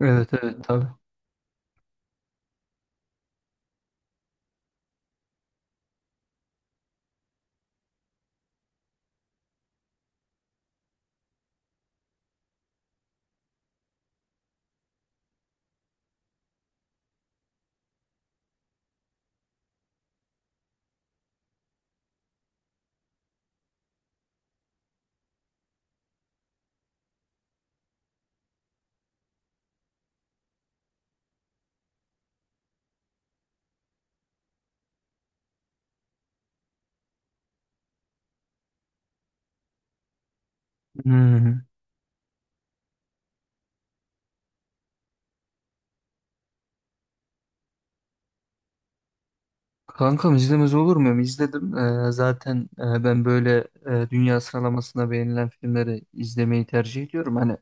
Evet, evet, tabii. Hmm. Kankam, izlemez olur muyum? İzledim. Zaten ben böyle dünya sıralamasına beğenilen filmleri izlemeyi tercih ediyorum. Hani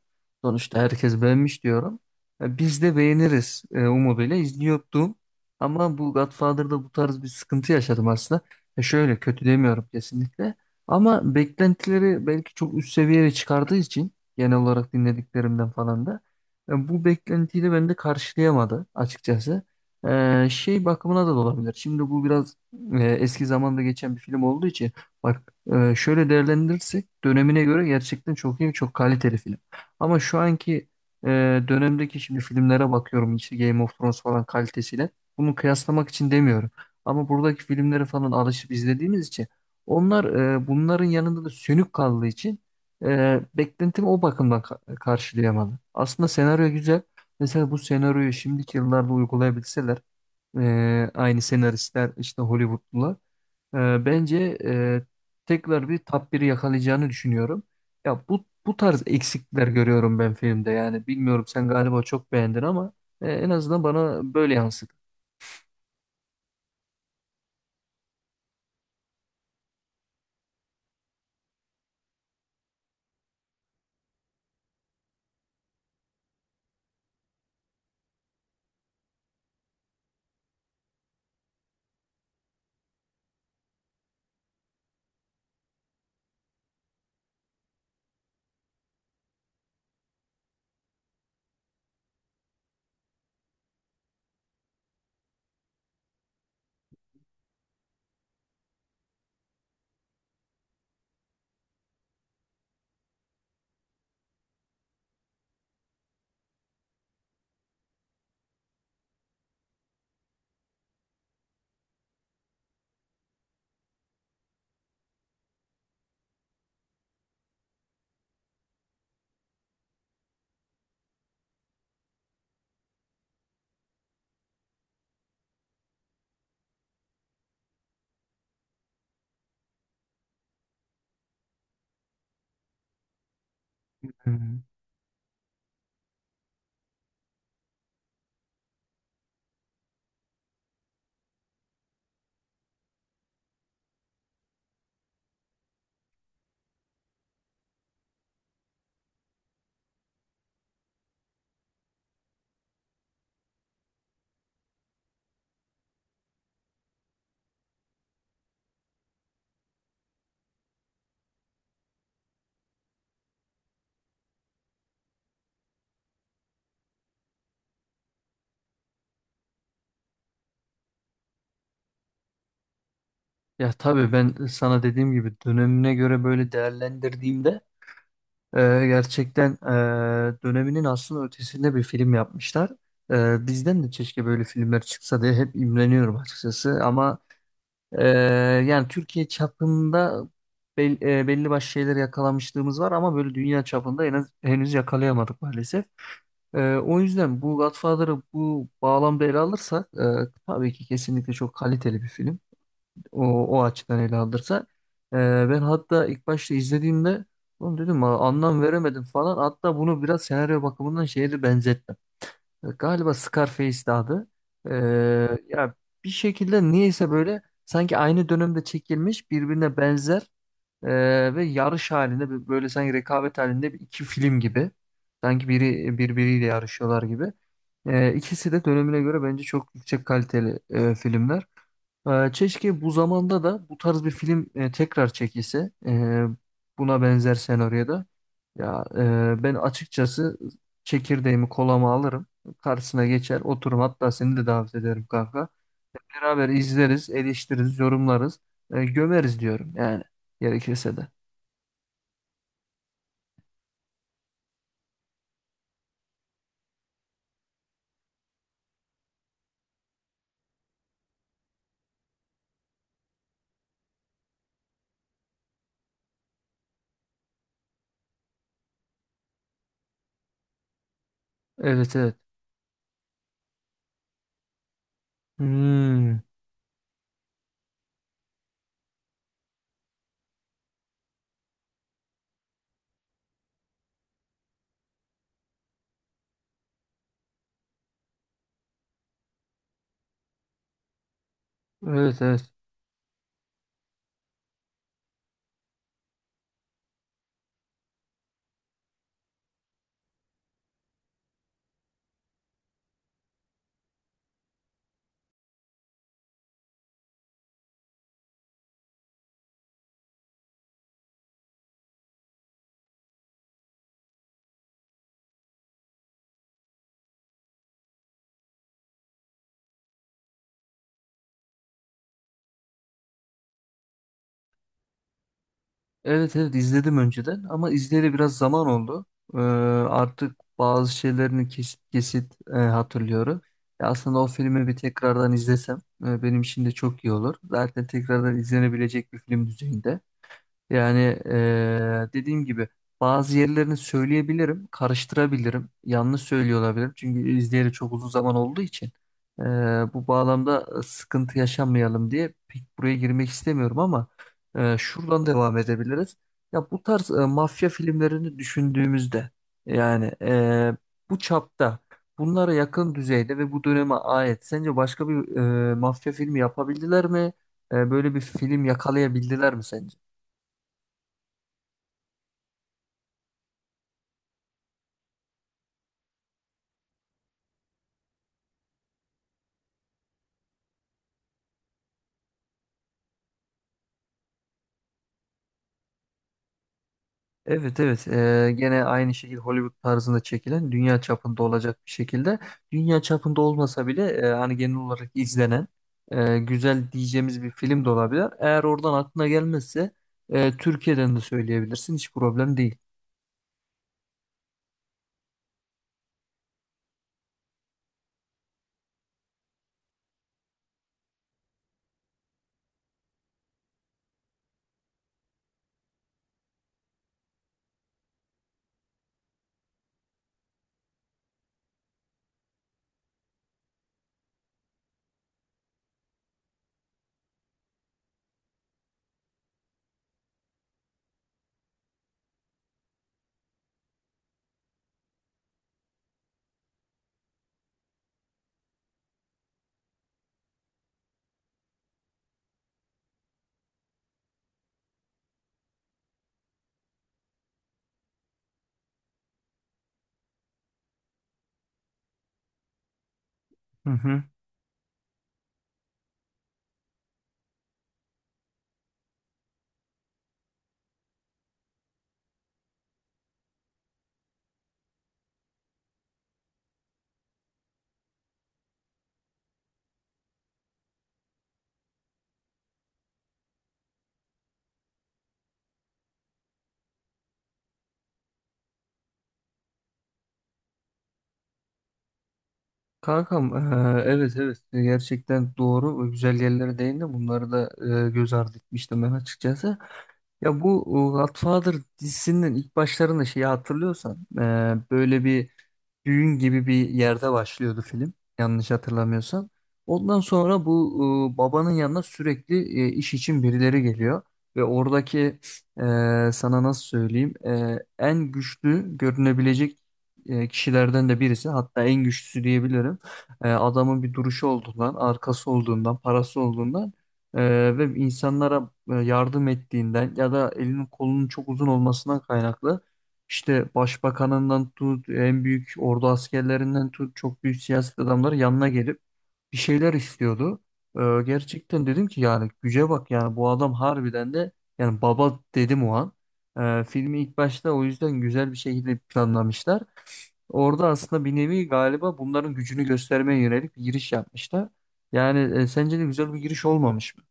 sonuçta herkes beğenmiş diyorum. E, biz de beğeniriz umuduyla izliyordum. Ama bu Godfather'da bu tarz bir sıkıntı yaşadım aslında. E, şöyle kötü demiyorum kesinlikle. Ama beklentileri belki çok üst seviyeye çıkardığı için genel olarak dinlediklerimden falan da bu beklentiyi de bende karşılayamadı açıkçası. Şey bakımına da olabilir. Şimdi bu biraz eski zamanda geçen bir film olduğu için bak, şöyle değerlendirirsek dönemine göre gerçekten çok iyi, çok kaliteli film. Ama şu anki e, dönemdeki şimdi filmlere bakıyorum, işte Game of Thrones falan kalitesiyle. Bunu kıyaslamak için demiyorum. Ama buradaki filmleri falan alışıp izlediğimiz için onlar, bunların yanında da sönük kaldığı için beklentimi o bakımdan karşılayamadı. Aslında senaryo güzel. Mesela bu senaryoyu şimdiki yıllarda uygulayabilseler, aynı senaristler, işte Hollywoodlular. Bence tekrar bir top 1'i yakalayacağını düşünüyorum. Ya bu tarz eksikler görüyorum ben filmde. Yani bilmiyorum, sen galiba çok beğendin ama en azından bana böyle yansıdı. Hmm. Ya tabii, ben sana dediğim gibi dönemine göre böyle değerlendirdiğimde, gerçekten döneminin aslında ötesinde bir film yapmışlar. E, bizden de keşke böyle filmler çıksa diye hep imreniyorum açıkçası ama Ee, yani Türkiye çapında belli başlı şeyler yakalamışlığımız var ama böyle dünya çapında en az, henüz yakalayamadık maalesef. O yüzden bu Godfather'ı bu bağlamda ele alırsak, tabii ki kesinlikle çok kaliteli bir film. O açıdan ele alırsak. Ee, ben hatta ilk başta izlediğimde oğlum dedim: "Aa, anlam veremedim" falan. Hatta bunu biraz senaryo bakımından şeye de benzettim. Galiba Scarface'di adı. Hmm. Ya bir şekilde niyeyse böyle sanki aynı dönemde çekilmiş birbirine benzer, ve yarış halinde böyle sanki rekabet halinde bir iki film gibi. Sanki biri birbiriyle yarışıyorlar gibi. İkisi de dönemine göre bence çok yüksek kaliteli filmler. Keşke bu zamanda da bu tarz bir film tekrar çekilse, buna benzer senaryoda. Ya ben açıkçası çekirdeğimi kolama alırım. Karşısına geçer oturum, hatta seni de davet ederim kanka. Beraber izleriz, eleştiririz, yorumlarız, gömeriz diyorum, yani gerekirse de. Evet, evet. Hmm, evet, evet. Evet, evet, izledim önceden ama izleyeli biraz zaman oldu. Ee, artık bazı şeylerini kesit kesit hatırlıyorum. Ya aslında o filmi bir tekrardan izlesem, benim için de çok iyi olur. Zaten tekrardan izlenebilecek bir film düzeyinde. Yani, dediğim gibi, bazı yerlerini söyleyebilirim, karıştırabilirim, yanlış söylüyor olabilirim. Çünkü izleyeli çok uzun zaman olduğu için, eee, bu bağlamda sıkıntı yaşamayalım diye pek buraya girmek istemiyorum ama şuradan devam edebiliriz. Ya bu tarz mafya filmlerini düşündüğümüzde, yani bu çapta, bunlara yakın düzeyde ve bu döneme ait sence başka bir mafya filmi yapabildiler mi? Böyle bir film yakalayabildiler mi sence? Evet, evet. Gene aynı şekilde Hollywood tarzında çekilen dünya çapında olacak bir şekilde, dünya çapında olmasa bile hani genel olarak izlenen güzel diyeceğimiz bir film de olabilir. Eğer oradan aklına gelmezse Türkiye'den de söyleyebilirsin, hiç problem değil. Hı hı. Kankam, evet, evet, gerçekten doğru, güzel yerlere değindin, bunları da göz ardı etmiştim ben açıkçası. Ya bu Godfather dizisinin ilk başlarında şeyi hatırlıyorsan, böyle bir düğün gibi bir yerde başlıyordu film, yanlış hatırlamıyorsam. Ondan sonra bu, babanın yanına sürekli iş için birileri geliyor ve oradaki, sana nasıl söyleyeyim, en güçlü görünebilecek kişilerden de birisi, hatta en güçlüsü diyebilirim. E, adamın bir duruşu olduğundan, arkası olduğundan, parası olduğundan, ve insanlara yardım ettiğinden ya da elinin kolunun çok uzun olmasından kaynaklı, işte başbakanından tut, en büyük ordu askerlerinden tut, çok büyük siyaset adamları yanına gelip bir şeyler istiyordu. Ee, gerçekten dedim ki, yani güce bak, yani bu adam harbiden de, yani baba dedim o an. Filmi ilk başta o yüzden güzel bir şekilde planlamışlar. Orada aslında bir nevi galiba bunların gücünü göstermeye yönelik bir giriş yapmışlar. Yani, sence de güzel bir giriş olmamış mı?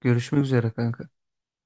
Görüşmek üzere kanka.